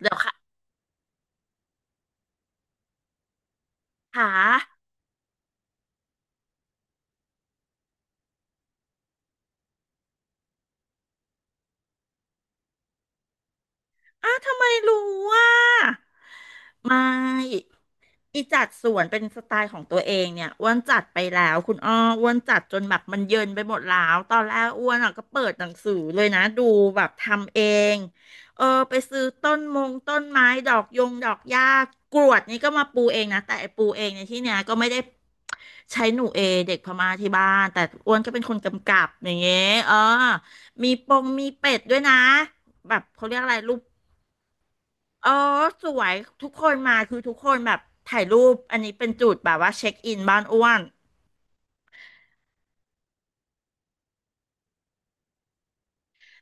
เดี๋ยวค่ะขาทำไมรู้ว่าไม่อีจัดสวนเป็นสไตล์ของตัวเองเนี่ยอ้วนจัดไปแล้วคุณอ้ออ้วนจัดจนแบบมันเยินไปหมดแล้วตอนแรกอ้วนอ่ะก็เปิดหนังสือเลยนะดูแบบทำเองเออไปซื้อต้นมงต้นไม้ดอกยงดอกหญ้ากรวดนี่ก็มาปูเองนะแต่ไอ้ปูเองในที่เนี้ยก็ไม่ได้ ใช้หนูเอเด็กพม่าที่บ้าน แต่อ้วนก็เป็นคนกำกับอย่างเงี้ยเออ มีปงมีเป็ดด้วยนะ แบบเขาเรียกอะไรรูป เออสวยทุกคนมาคือทุกคนแบบถ่ายรูป อันนี้เป็นจุดแบบว่าเช็คอินบ้านอ้วน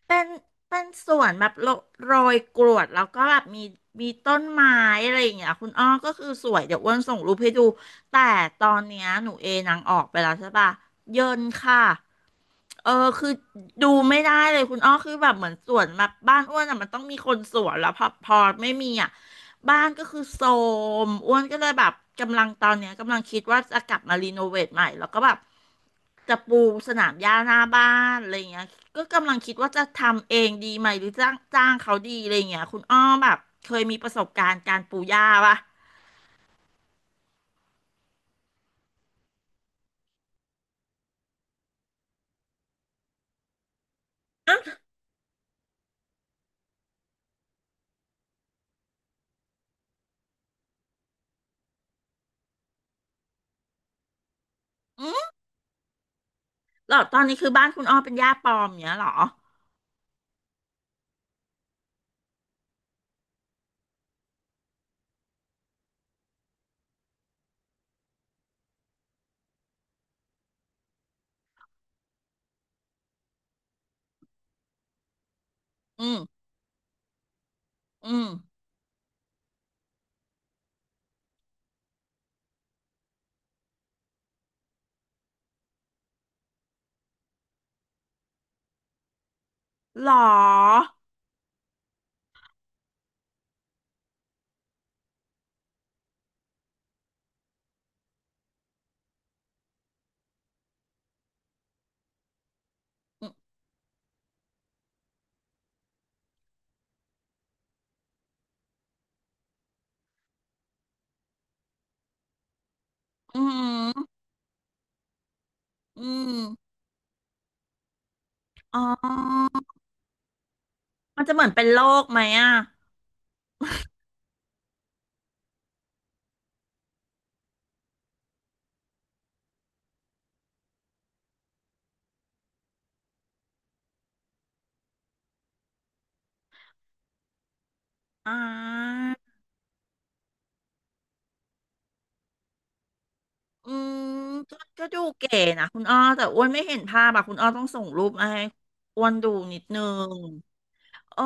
เป็นเป็นสวนแบบโรยกรวดแล้วก็แบบมีต้นไม้อะไรอย่างเงี้ยคุณอ้อก็คือสวยเดี๋ยวอ้วนส่งรูปให้ดูแต่ตอนเนี้ยหนูเอนางออกไปแล้วใช่ปะเยินค่ะเออคือดูไม่ได้เลยคุณอ้อคือแบบเหมือนสวนแบบบ้านอ้วนอ่ะมันต้องมีคนสวนแล้วพอไม่มีอ่ะ บ้านก็คือโทรมอ้วนก็เลยแบบกำลังตอนเนี้ยกำลังคิดว่าจะกลับมารีโนเวทใหม่แล้วก็แบบจะปูสนามหญ้าหน้าบ้านอะไรเงี้ยก็กำลังคิดว่าจะทำเองดีไหมหรือจ้างเขาดีอะไรเงี้ยคุณอ้อแบบเคยมีประสบการณ์การปูหญ้าปะอืมหรอตอนนี้คือบ้านคุณอ้อเป็นหญ้าปลอมเนี้ยเหรออืมอืมหรออืมอืมอ๋อมันจะเหมือนเป็นโรคไหมอ่ะอ่า อืมก็ดูเก๋นะคุณอ้อแต่อ้วนไม่เห็นภาพอะคุณอ้อต้องส่งรูปมาให้อ้วนดูนิดนึงเออ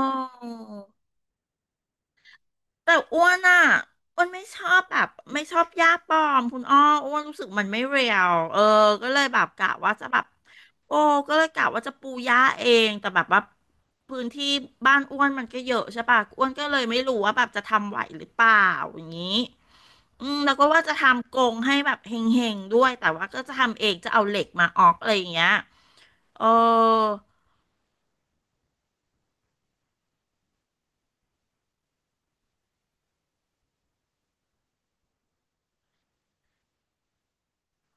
แต่อ้วนอะอ้วนไม่ชอบแบบไม่ชอบหญ้าปลอมคุณอ้ออ้วนรู้สึกมันไม่เรียวเออก็เลยแบบกะว่าจะแบบโอ้ก็เลยกะว่าจะปูหญ้าเองแต่แบบว่าพื้นที่บ้านอ้วนมันก็เยอะใช่ปะอ้วนก็เลยไม่รู้ว่าแบบจะทำไหวหรือเปล่าอย่างนี้ อืมแล้วก็ว่าจะทำกรงให้แบบเฮงๆด้วยแต่ว่าก็จะทำเองจะเอาเหล็กมาออกอะไรอย่างเงี้ยเออ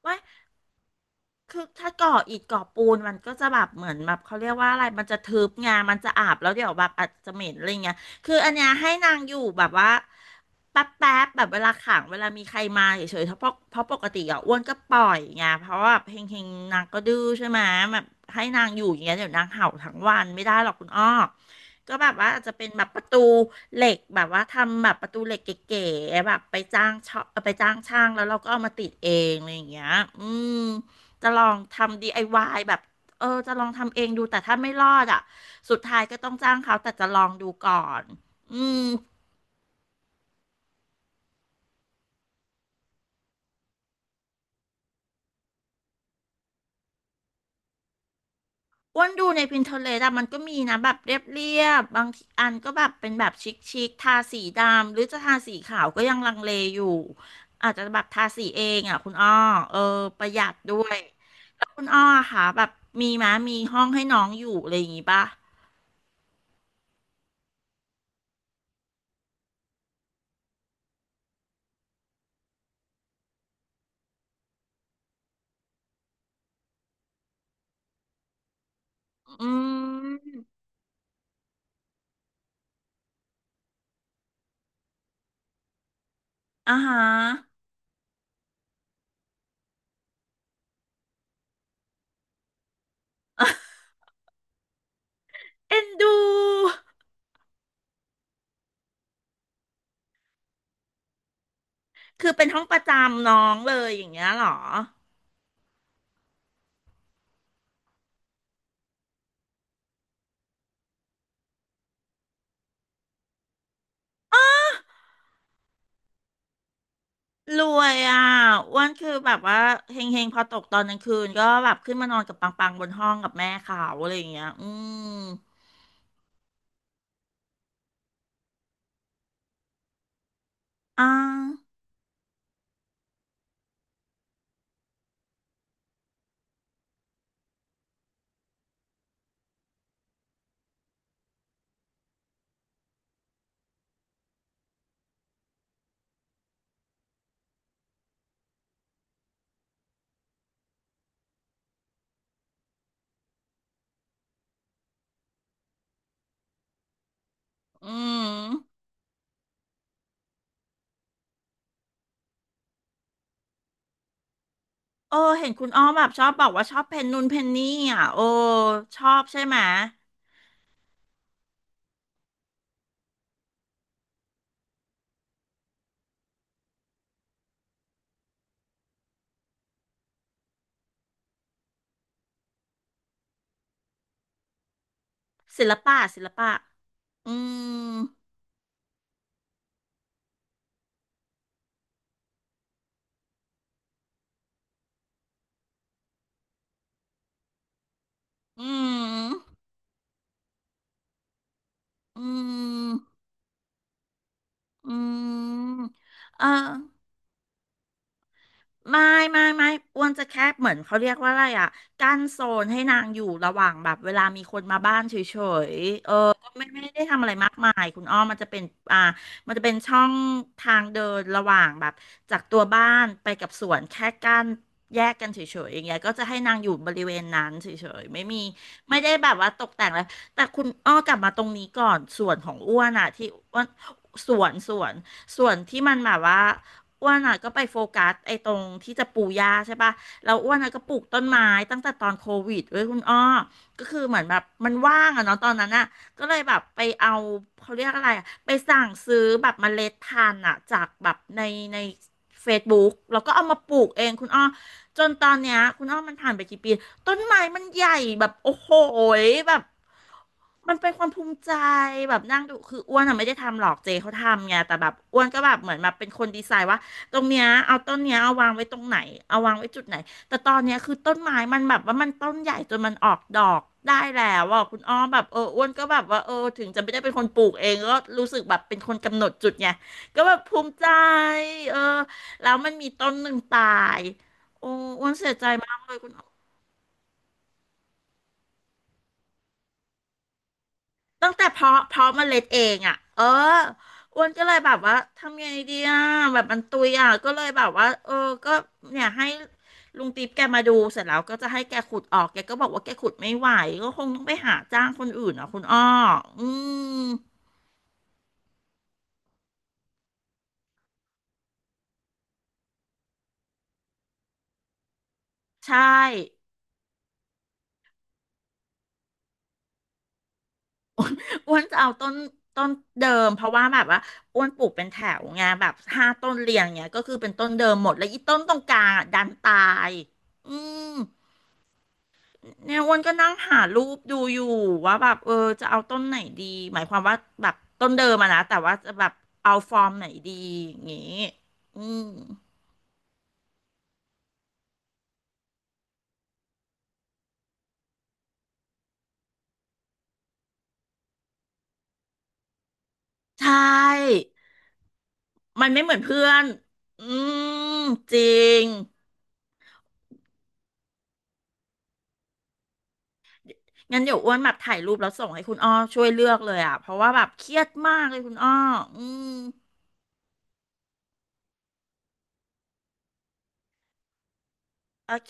ว่า คือถ้าก่ออิฐก่อปูนมันก็จะแบบเหมือนแบบเขาเรียกว่าอะไรมันจะทึบไงมันจะอาบแล้วเดี๋ยวแบบอาจจะเหม็นอะไรเงี้ยคืออันเนี้ยให้นางอยู่แบบว่าแป๊บแบบเวลาขังเวลามีใครมาเฉยๆเพราะปกติอ่ะอ้วนก็ปล่อยไงเพราะว่าเฮงเฮงนางก็ดื้อใช่ไหมแบบให้นางอยู่อย่างเงี้ยเดี๋ยวนางเห่าทั้งวันไม่ได้หรอกคุณอ้อก็แบบว่าอาจจะเป็นแบบประตูเหล็กแบบว่าทำแบบประตูเหล็กเก๋ๆแบบไปจ้างช่างแล้วเราก็เอามาติดเองอะไรอย่างเงี้ยอืม จะลองทำดีไอวายแบบเออจะลองทำเองดูแต่ถ้าไม่รอดอ่ะสุดท้ายก็ต้องจ้างเขาแต่จะลองดูก่อนอืมอ้วนดูใน Pinterest อะมันก็มีนะแบบเรียบบางทีอันก็แบบเป็นแบบชิคชิคทาสีดำหรือจะทาสีขาวก็ยังลังเลอยู่อาจจะแบบทาสีเองอ่ะคุณอ้อเออประหยัดด้วยแล้วคุณอ้อค่ะแบบมีมะมีห้องให้น้องอยู่อะไรอย่างงี้ป่ะอืมอ่าฮะเอ็นดู คือเป็นห้องประจำน้องเลยอย่างเงี้ยเหรอรวยอ่ะอ้วนคือแบบว่าเฮงเฮงพอตกตอนกลางคืนก็แบบขึ้นมานอนกับปังปังบนห้องกับแม่เขาอะไรอย่างเงี้ยอืมอ่าอืมโอ้เห็นคุณอ้อแบบชอบบอกว่าชอบเพนนูนเพนนี่อ่ะโอ้ชอบใช่ไหมศิลปะศิลปะอืมอืมอืมอืมเออ ไม่ไม่ไม่อ้วนจะแค่เหมือนเขาเรียกว่าอะไรอ่ะกั้นโซนให้นางอยู่ระหว่างแบบเวลามีคนมาบ้านเฉยๆเออก็ไม่ได้ทำอะไรมากมายคุณอ้อมมันจะเป็นอ่ามันจะเป็นช่องทางเดินระหว่างแบบจากตัวบ้านไปกับสวนแค่กั้นแยกกันเฉยๆอย่างเงี้ยก็จะให้นางอยู่บริเวณนั้นเฉยๆไม่มีไม่ได้แบบว่าตกแต่งอะไรแต่คุณอ้อกลับมาตรงนี้ก่อนส่วนของอ้วนอ่ะที่อ้วนสวนส่วนที่มันแบบว่า อ้วนอ่ะก็ไปโฟกัสไอ้ตรงที่จะปลูกหญ้าใช่ปะแล้วอ้วนอ่ะก็ปลูกต้นไม้ตั้งแต่ตอนโควิดเว้ยคุณอ้อก็คือเหมือนแบบมันว่างอะเนาะตอนนั้นอ่ะก็เลยแบบไปเอาเขาเรียกอะไรอะไปสั่งซื้อแบบเมล็ดพันธุ์อ่ะจากแบบใน Facebook แล้วก็เอามาปลูกเองคุณอ้อจนตอนเนี้ยคุณอ้อมันผ่านไปกี่ปีต้นไม้มันใหญ่แบบโอ้โหยแบบมันเป็นความภูมิใจแบบนั่งดูคืออ้วนอะไม่ได้ทำหรอกเจเขาทำไงแต่แบบอ้วนก็แบบเหมือนแบบเป็นคนดีไซน์ว่า ตรงเนี้ยเอาต้นเนี้ยเอาวางไว้ตรงไหนเอาวางไว้จุดไหนแต่ตอนเนี้ยคือต้นไม้มันแบบว่ามันต้นใหญ่จนมันออกดอกได้แล้วอ่ะคุณอ้อมแบบเอออ้วนก็แบบว่าเออถึงจะไม่ได้เป็นคนปลูกเองก็รู้สึกแบบเป็นคนกำหนดจุดไงก็แบบภูมิใจเออแล้วมันมีต้นหนึ่งตายโอ้อ้วนเสียใจมากเลยคุณ ตั้งแต่เพาะเมล็ดเองอ่ะเอออ้วนก็เลยแบบว่าทำยังไงดีอ่ะแบบมันตุยอ่ะก็เลยแบบว่าเออก็เนี่ยให้ลุงติ๊บแกมาดูเสร็จแล้วก็จะให้แกขุดออกแกก็บอกว่าแกขุดไม่ไหวก็คงต้องไปหาจ้างคนอื่นอ่ะคุณอ้ออืมใช่อ้วนจะเอาต้นเดิมเพราะว่าแบบว่าอ้วนปลูกเป็นแถวไงแบบ5 ต้นเรียงเนี่ยก็คือเป็นต้นเดิมหมดแล้วอีต้นตรงกลางอะดันตายอืม เนี่ยอ้วนก็นั่งหารูปดูอยู่ว่าแบบเออจะเอาต้นไหนดีหมายความว่าแบบต้นเดิมอะนะแต่ว่าจะแบบเอาฟอร์มไหนดีอย่างงี้อืมใช่มันไม่เหมือนเพื่อนอืมจริงงั้นเดี๋ยวอ้วนแบบถ่ายรูปแล้วส่งให้คุณอ้อช่วยเลือกเลยอะเพราะว่าแบบเครียดมากเลยคุณอ้ออืมโอเค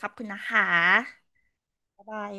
ขอบคุณนะคะบ๊ายบาย